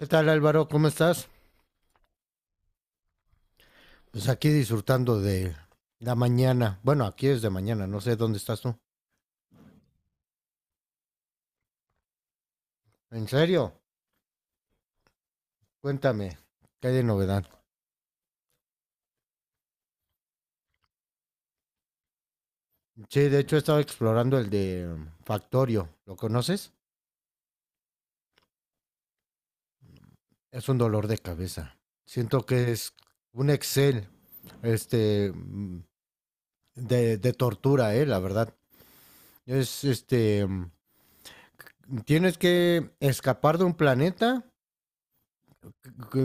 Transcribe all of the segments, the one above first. ¿Qué tal, Álvaro? ¿Cómo estás? Pues aquí disfrutando de la mañana. Bueno, aquí es de mañana, no sé dónde estás tú. ¿En serio? Cuéntame, ¿qué hay de novedad? Sí, de hecho he estado explorando el de Factorio. ¿Lo conoces? Es un dolor de cabeza. Siento que es un Excel, este, mm, de tortura, la verdad. Es, este, mm, Tienes que escapar de un planeta.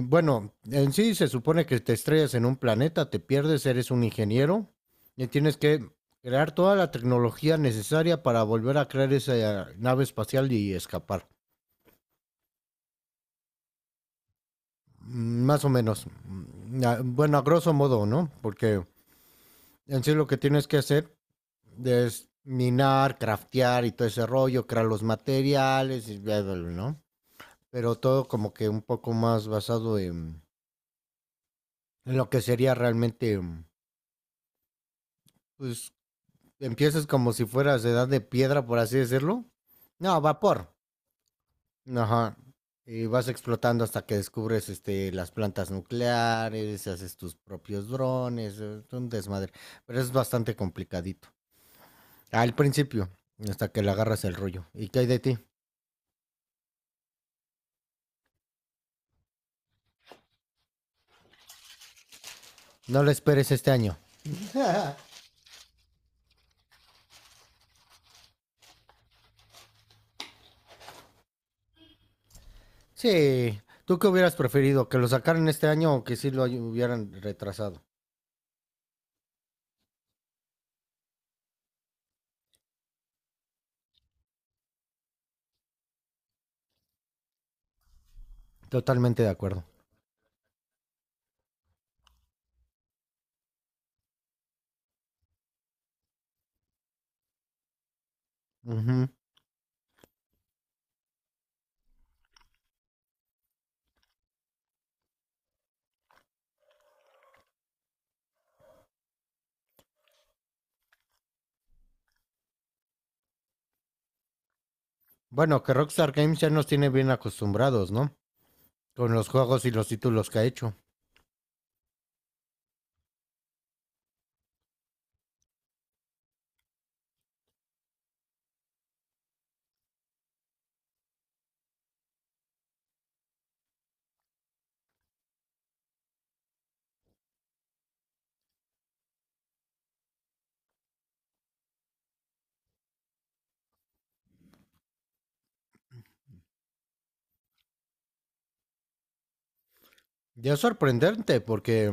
Bueno, en sí se supone que te estrellas en un planeta, te pierdes, eres un ingeniero y tienes que crear toda la tecnología necesaria para volver a crear esa nave espacial y escapar. Más o menos. Bueno, a grosso modo, ¿no? Porque en sí lo que tienes que hacer es minar, craftear y todo ese rollo, crear los materiales, y bla, bla, bla, ¿no? Pero todo como que un poco más basado en lo que sería realmente, pues, empiezas como si fueras de edad de piedra, por así decirlo. No, vapor. Ajá. Y vas explotando hasta que descubres las plantas nucleares, haces tus propios drones, es un desmadre. Pero es bastante complicadito. Al principio, hasta que le agarras el rollo. ¿Y qué hay de ti? No lo esperes este año. Sí. ¿Tú qué hubieras preferido? ¿Que lo sacaran este año o que sí lo hubieran retrasado? Totalmente de acuerdo. Ujú. Bueno, que Rockstar Games ya nos tiene bien acostumbrados, ¿no? Con los juegos y los títulos que ha hecho. Ya es sorprendente porque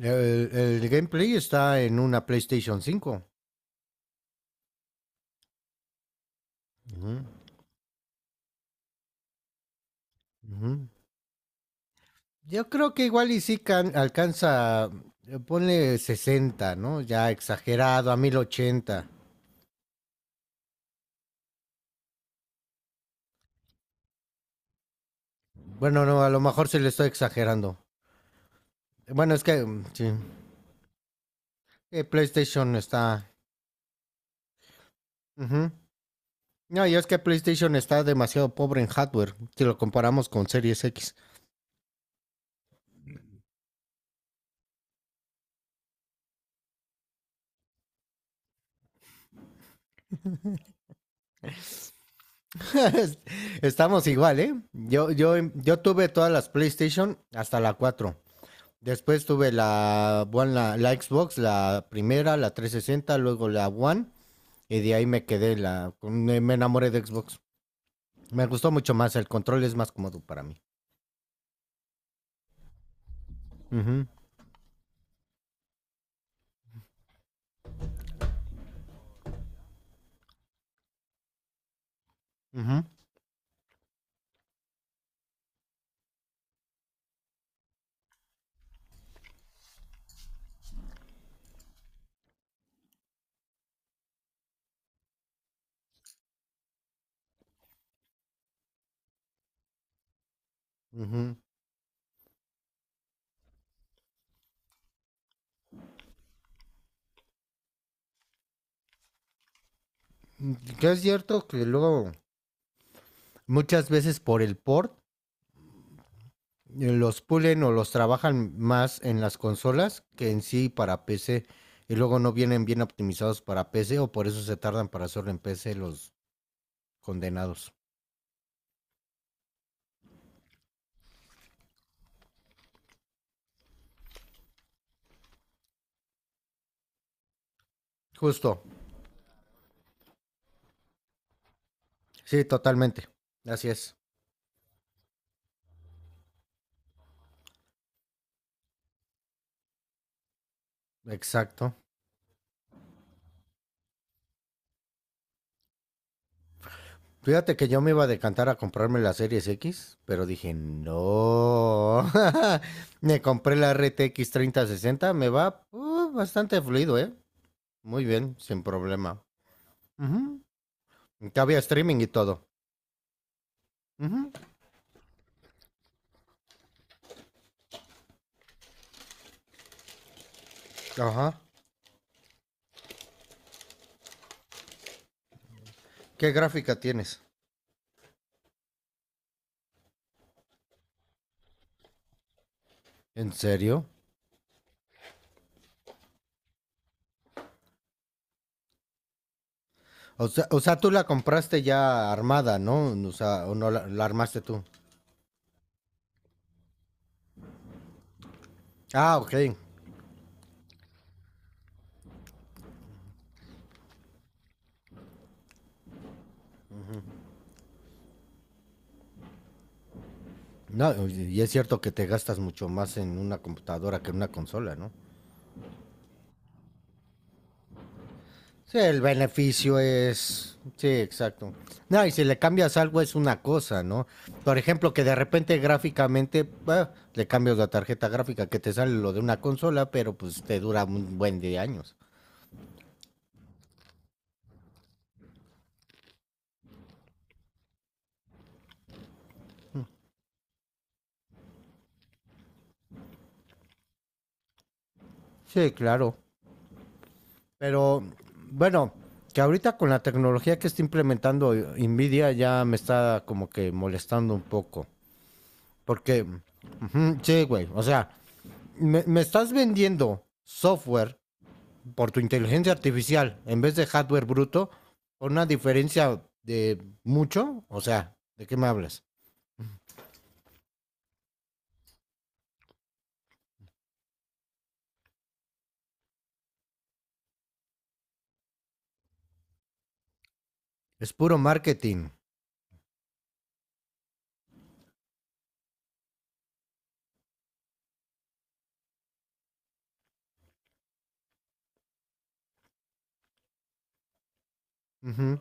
el gameplay está en una PlayStation 5. Ujú, ujú. Yo creo que igual y sí alcanza, ponle 60, ¿no? Ya exagerado, a 1080. Bueno, no, a lo mejor se le estoy exagerando. Bueno, es que sí. PlayStation está. Ujú. No, y es que PlayStation está demasiado pobre en hardware si lo comparamos con Series X. Estamos igual, ¿eh? Yo tuve todas las PlayStation hasta la 4. Después tuve la, bueno, la Xbox, la primera, la 360, luego la One. Y de ahí me quedé, la, con- me me enamoré de Xbox. Me gustó mucho más, el control es más cómodo para mí. Ujú, ujú, ujú. Que es cierto que luego muchas veces por el port los pulen o los trabajan más en las consolas que en sí para PC. Y luego no vienen bien optimizados para PC o por eso se tardan para hacerlo en PC los condenados. Justo. Sí, totalmente. Así es. Exacto. Fíjate que yo me iba a decantar a comprarme la Series X, pero dije, no. Me compré la RTX 3060, me va bastante fluido, ¿eh? Muy bien, sin problema. Ujú. Cabía streaming y todo. Ujú. Ajá. ¿Qué gráfica tienes? ¿En serio? O sea, tú la compraste ya armada, ¿no? O sea, o no la, armaste tú. Ah, ok. No, y es cierto que te gastas mucho más en una computadora que en una consola, ¿no? Sí, el beneficio es. Sí, exacto. No, y si le cambias algo es una cosa, ¿no? Por ejemplo, que de repente gráficamente bah, le cambias la tarjeta gráfica que te sale lo de una consola, pero pues te dura un buen de años. Sí, claro. Pero bueno, que ahorita con la tecnología que está implementando Nvidia ya me está como que molestando un poco. Porque, ujú, sí, güey, o sea, me estás vendiendo software por tu inteligencia artificial en vez de hardware bruto por una diferencia de mucho. O sea, ¿de qué me hablas? Es puro marketing. Ujú.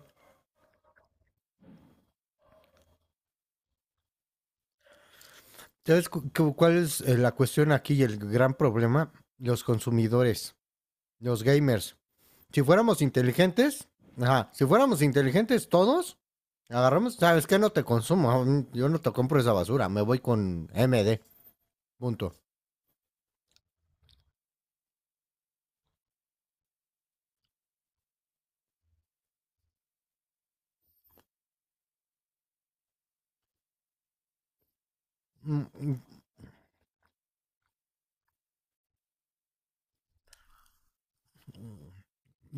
¿Sabes cuál es la cuestión aquí y el gran problema? Los consumidores, los gamers. Si fuéramos inteligentes, ajá, si fuéramos inteligentes todos, agarramos, ¿sabes qué? No te consumo, yo no te compro esa basura, me voy con MD, punto. Mm, mm,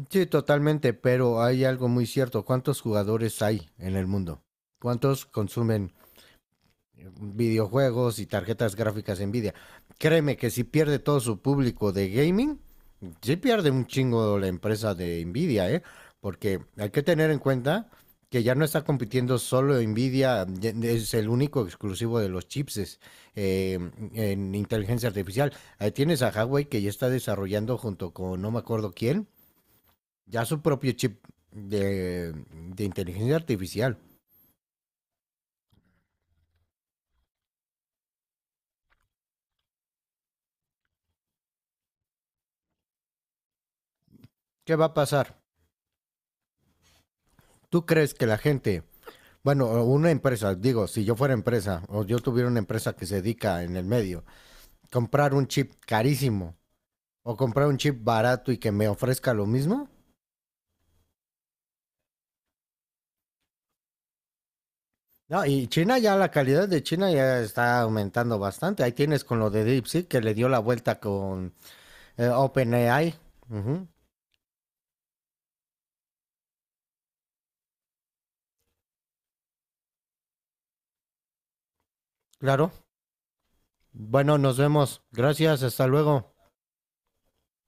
sí, totalmente, pero hay algo muy cierto. ¿Cuántos jugadores hay en el mundo? ¿Cuántos consumen videojuegos y tarjetas gráficas Nvidia? Créeme que si pierde todo su público de gaming, sí pierde un chingo la empresa de Nvidia, ¿eh? Porque hay que tener en cuenta que ya no está compitiendo solo Nvidia, es el único exclusivo de los chips eh, en inteligencia artificial. Ahí tienes a Huawei que ya está desarrollando junto con no me acuerdo quién, ya su propio chip de, de inteligencia artificial. ¿Qué va a pasar? ¿Tú crees que la gente? Bueno, o una empresa, digo, si yo fuera empresa o yo tuviera una empresa que se dedica en el medio, comprar un chip carísimo o comprar un chip barato y que me ofrezca lo mismo. No, y China ya, la calidad de China ya está aumentando bastante. Ahí tienes con lo de DeepSeek que le dio la vuelta con OpenAI. Ujú. Claro. Bueno, nos vemos. Gracias, hasta luego.